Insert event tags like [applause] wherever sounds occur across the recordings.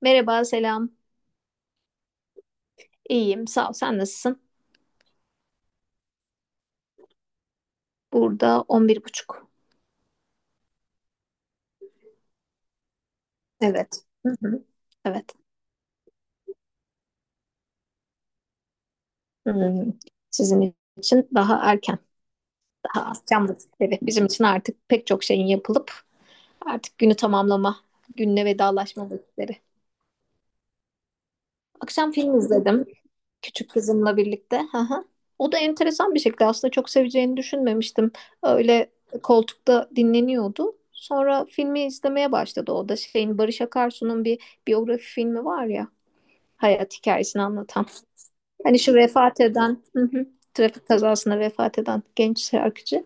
Merhaba, selam. İyiyim, sağ ol. Sen nasılsın? Burada 11:30. Evet. Hı hı. Evet. Hmm, Sizin için daha erken, daha az can vakitleri. Bizim için artık pek çok şeyin yapılıp artık günü tamamlama, günle vedalaşma vakitleri. Akşam film izledim küçük kızımla birlikte. Hı hı. O da enteresan bir şekilde aslında çok seveceğini düşünmemiştim. Öyle koltukta dinleniyordu. Sonra filmi izlemeye başladı. O da şeyin Barış Akarsu'nun bir biyografi filmi var ya, hayat hikayesini anlatan. Hani şu vefat eden, hı hı, trafik kazasında vefat eden genç şarkıcı.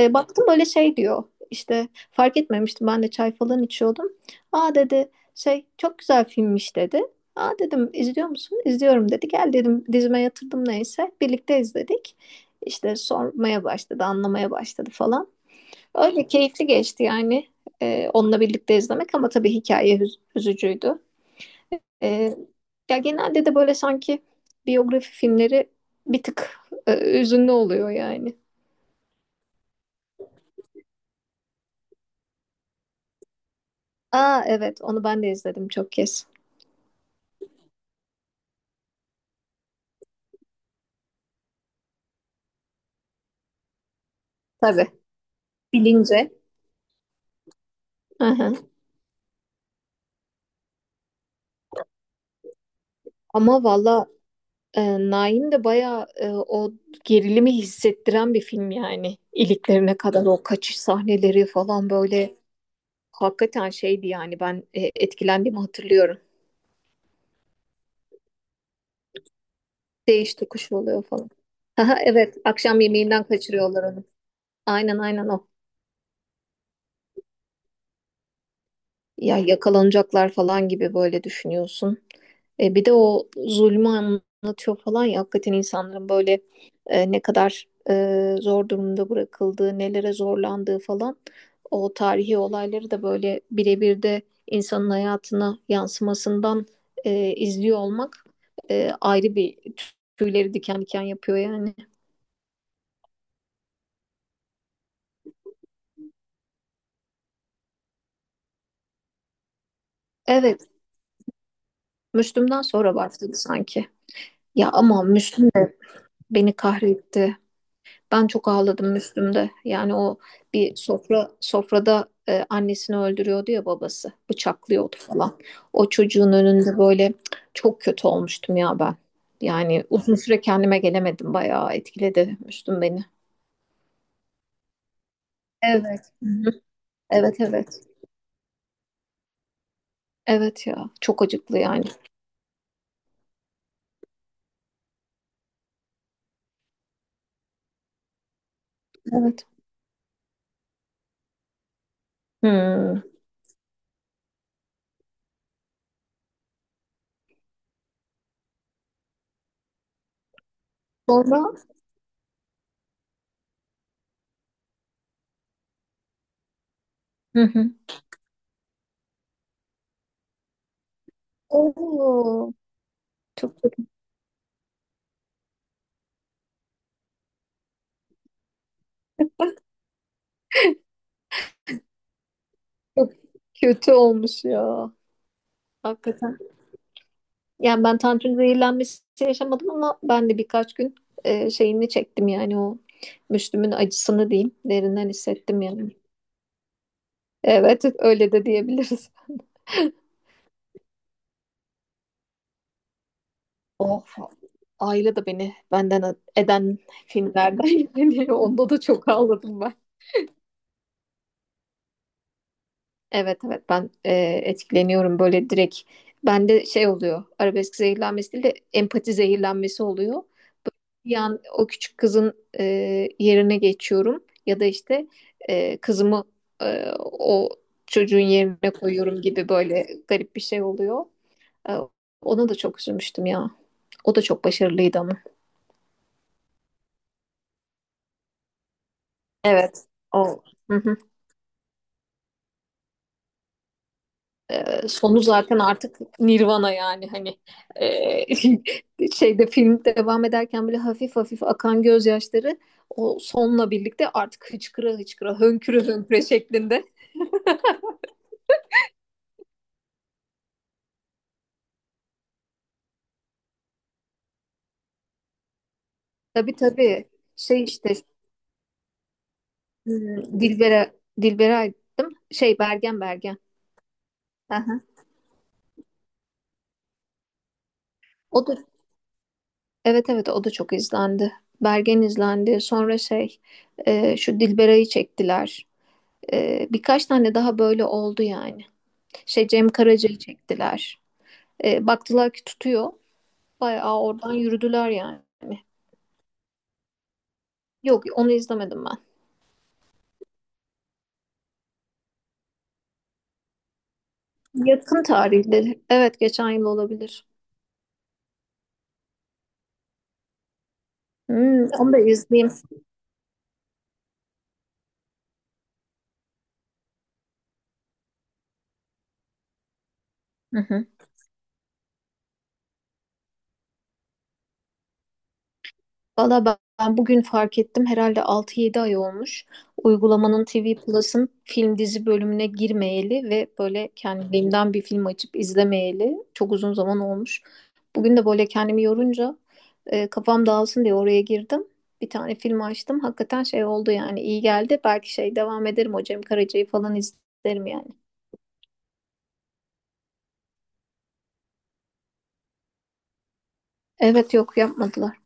Baktım öyle şey diyor. İşte fark etmemiştim, ben de çay falan içiyordum. Aa, dedi, şey çok güzel filmmiş, dedi. Aa, dedim, izliyor musun? İzliyorum, dedi. Gel, dedim, dizime yatırdım neyse. Birlikte izledik. İşte sormaya başladı, anlamaya başladı falan. Öyle keyifli geçti yani onunla birlikte izlemek, ama tabii hikaye üzücüydü. Ee, ya genelde de böyle sanki biyografi filmleri bir tık hüzünlü oluyor yani. Aa, evet, onu ben de izledim çok kez. Tabii. Bilince. Aha. Ama valla Naim de bayağı o gerilimi hissettiren bir film yani. İliklerine kadar o kaçış sahneleri falan böyle hakikaten şeydi yani, ben etkilendiğimi hatırlıyorum. Değiş tokuş oluyor falan. Aha, evet, akşam yemeğinden kaçırıyorlar onu. Aynen, aynen o. Ya yakalanacaklar falan gibi böyle düşünüyorsun. Bir de o zulmü anlatıyor falan ya, hakikaten insanların böyle ne kadar zor durumda bırakıldığı, nelere zorlandığı falan, o tarihi olayları da böyle birebir de insanın hayatına yansımasından izliyor olmak ayrı bir, tüyleri diken diken yapıyor yani. Evet, Müslüm'den sonra başladı sanki. Ya, ama Müslüm de beni kahretti. Ben çok ağladım Müslüm'de. Yani o bir sofra sofrada annesini öldürüyordu ya, babası. Bıçaklıyordu falan. O çocuğun önünde böyle. Çok kötü olmuştum ya ben. Yani uzun süre kendime gelemedim. Bayağı etkiledi Müslüm beni. Evet. Hı hı. Evet, evet. Evet ya. Çok acıklı yani. Evet. Hmm. Sonra hı hı. Oo, çok kötü. [laughs] Çok kötü olmuş ya. Hakikaten. Yani ben tantrum zehirlenmesi yaşamadım, ama ben de birkaç gün şeyini çektim yani, o Müslüm'ün acısını diyeyim, derinden hissettim yani. Evet, öyle de diyebiliriz. Oh. Ayla da beni benden eden filmlerden [laughs] yani, onda da çok ağladım ben. Evet, evet. Ben etkileniyorum böyle, direkt. Bende şey oluyor, arabesk zehirlenmesi değil de empati zehirlenmesi oluyor. Bir an o küçük kızın e, yerine geçiyorum, ya da işte kızımı o çocuğun yerine koyuyorum gibi, böyle garip bir şey oluyor. E, ona da çok üzülmüştüm ya. O da çok başarılıydı ama. Evet. O. Hı hı. Sonu zaten artık Nirvana yani, hani e, [laughs] şeyde, film devam ederken bile hafif hafif akan gözyaşları, o sonla birlikte artık hıçkıra hıçkıra, hönküre hönküre şeklinde. [laughs] Tabii, tabii. Şey, işte Dilbera. Dilbera'ydım. Şey, Bergen, Bergen. Aha. O da, evet, evet, o da çok izlendi. Bergen izlendi. Sonra şey, şu Dilbera'yı çektiler. Birkaç tane daha böyle oldu yani. Şey, Cem Karaca'yı çektiler. Baktılar ki tutuyor. Bayağı oradan yürüdüler yani. Yok, onu izlemedim ben. Yakın tarihleri. Evet, geçen yıl olabilir. Hmm, onu da izleyeyim. Hı hı. Valla ben bugün fark ettim. Herhalde 6-7 ay olmuş. Uygulamanın TV Plus'ın film dizi bölümüne girmeyeli ve böyle kendiliğimden bir film açıp izlemeyeli çok uzun zaman olmuş. Bugün de böyle kendimi yorunca kafam dağılsın diye oraya girdim. Bir tane film açtım. Hakikaten şey oldu yani, iyi geldi. Belki şey, devam ederim, o Cem Karaca'yı falan izlerim yani. Evet, yok, yapmadılar.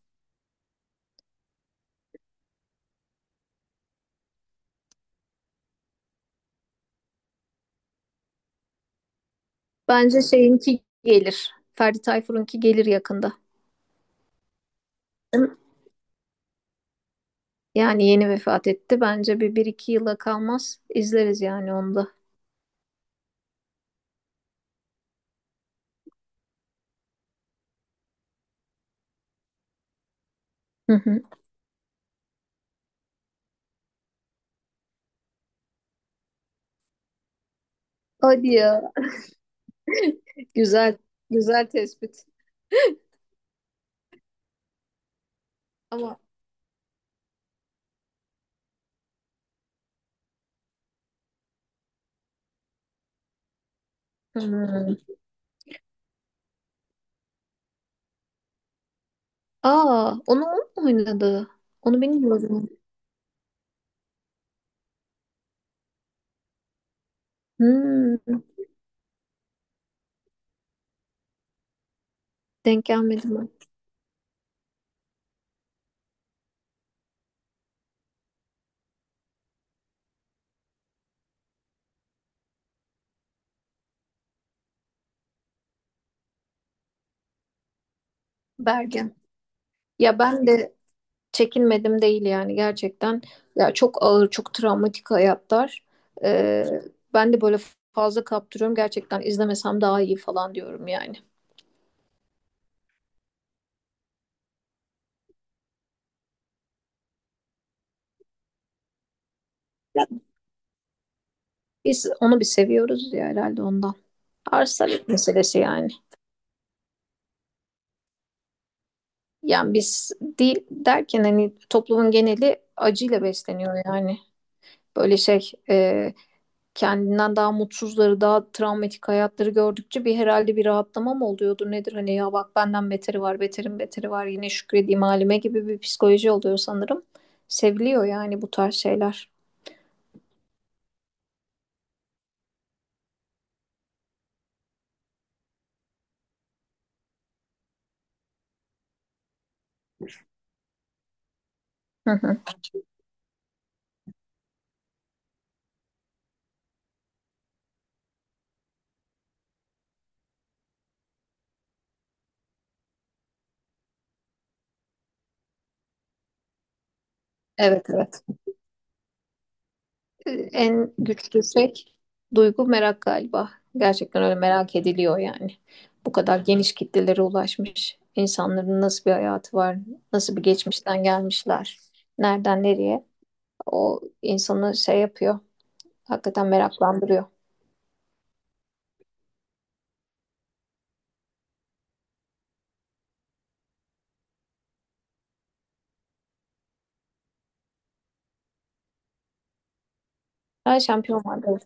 Bence şeyinki gelir. Ferdi Tayfur'unki gelir yakında. Yani yeni vefat etti. Bence bir iki yıla kalmaz. İzleriz yani onu da. Hı hı. Hadi ya. [laughs] Güzel. Güzel tespit. Ama hmm. Aa, onu o mu oynadı? Onu bilmiyordum. Hmm. Denk gelmedim ben. Bergen. Ya, ben de çekinmedim değil yani, gerçekten. Ya, çok ağır, çok travmatik hayatlar. Ee, ben de böyle fazla kaptırıyorum. Gerçekten izlemesem daha iyi falan diyorum yani. Ya, biz onu bir seviyoruz ya herhalde, ondan. Arsalık meselesi yani. Yani biz değil derken, hani toplumun geneli acıyla besleniyor yani. Böyle şey, kendinden daha mutsuzları, daha travmatik hayatları gördükçe bir, herhalde bir rahatlama mı oluyordu nedir? Hani, ya bak, benden beteri var, beterin beteri var, yine şükredeyim halime gibi bir psikoloji oluyor sanırım. Seviliyor yani bu tarz şeyler. Hı hı. Evet, evet. En güçlü şey duygu, merak galiba. Gerçekten öyle merak ediliyor yani. Bu kadar geniş kitlelere ulaşmış insanların nasıl bir hayatı var, nasıl bir geçmişten gelmişler, nereden nereye, o insanı şey yapıyor. Hakikaten meraklandırıyor. Ben şampiyon vardı.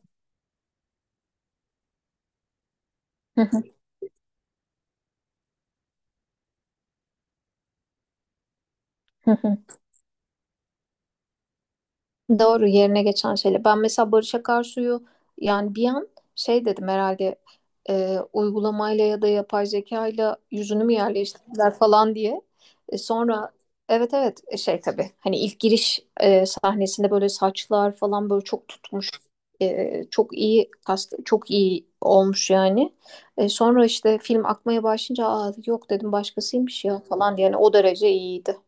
[laughs] Doğru, yerine geçen şeyle. Ben mesela Barış Akarsu'yu, yani bir an şey dedim herhalde, uygulamayla ya da yapay zekayla yüzünü mü yerleştirdiler falan diye. Sonra, evet, evet, şey, tabii, hani ilk giriş sahnesinde böyle saçlar falan böyle çok tutmuş. Çok iyi kast, çok iyi olmuş yani. Sonra işte, film akmaya başlayınca, aa, yok dedim, başkasıymış ya falan diye. Yani o derece iyiydi.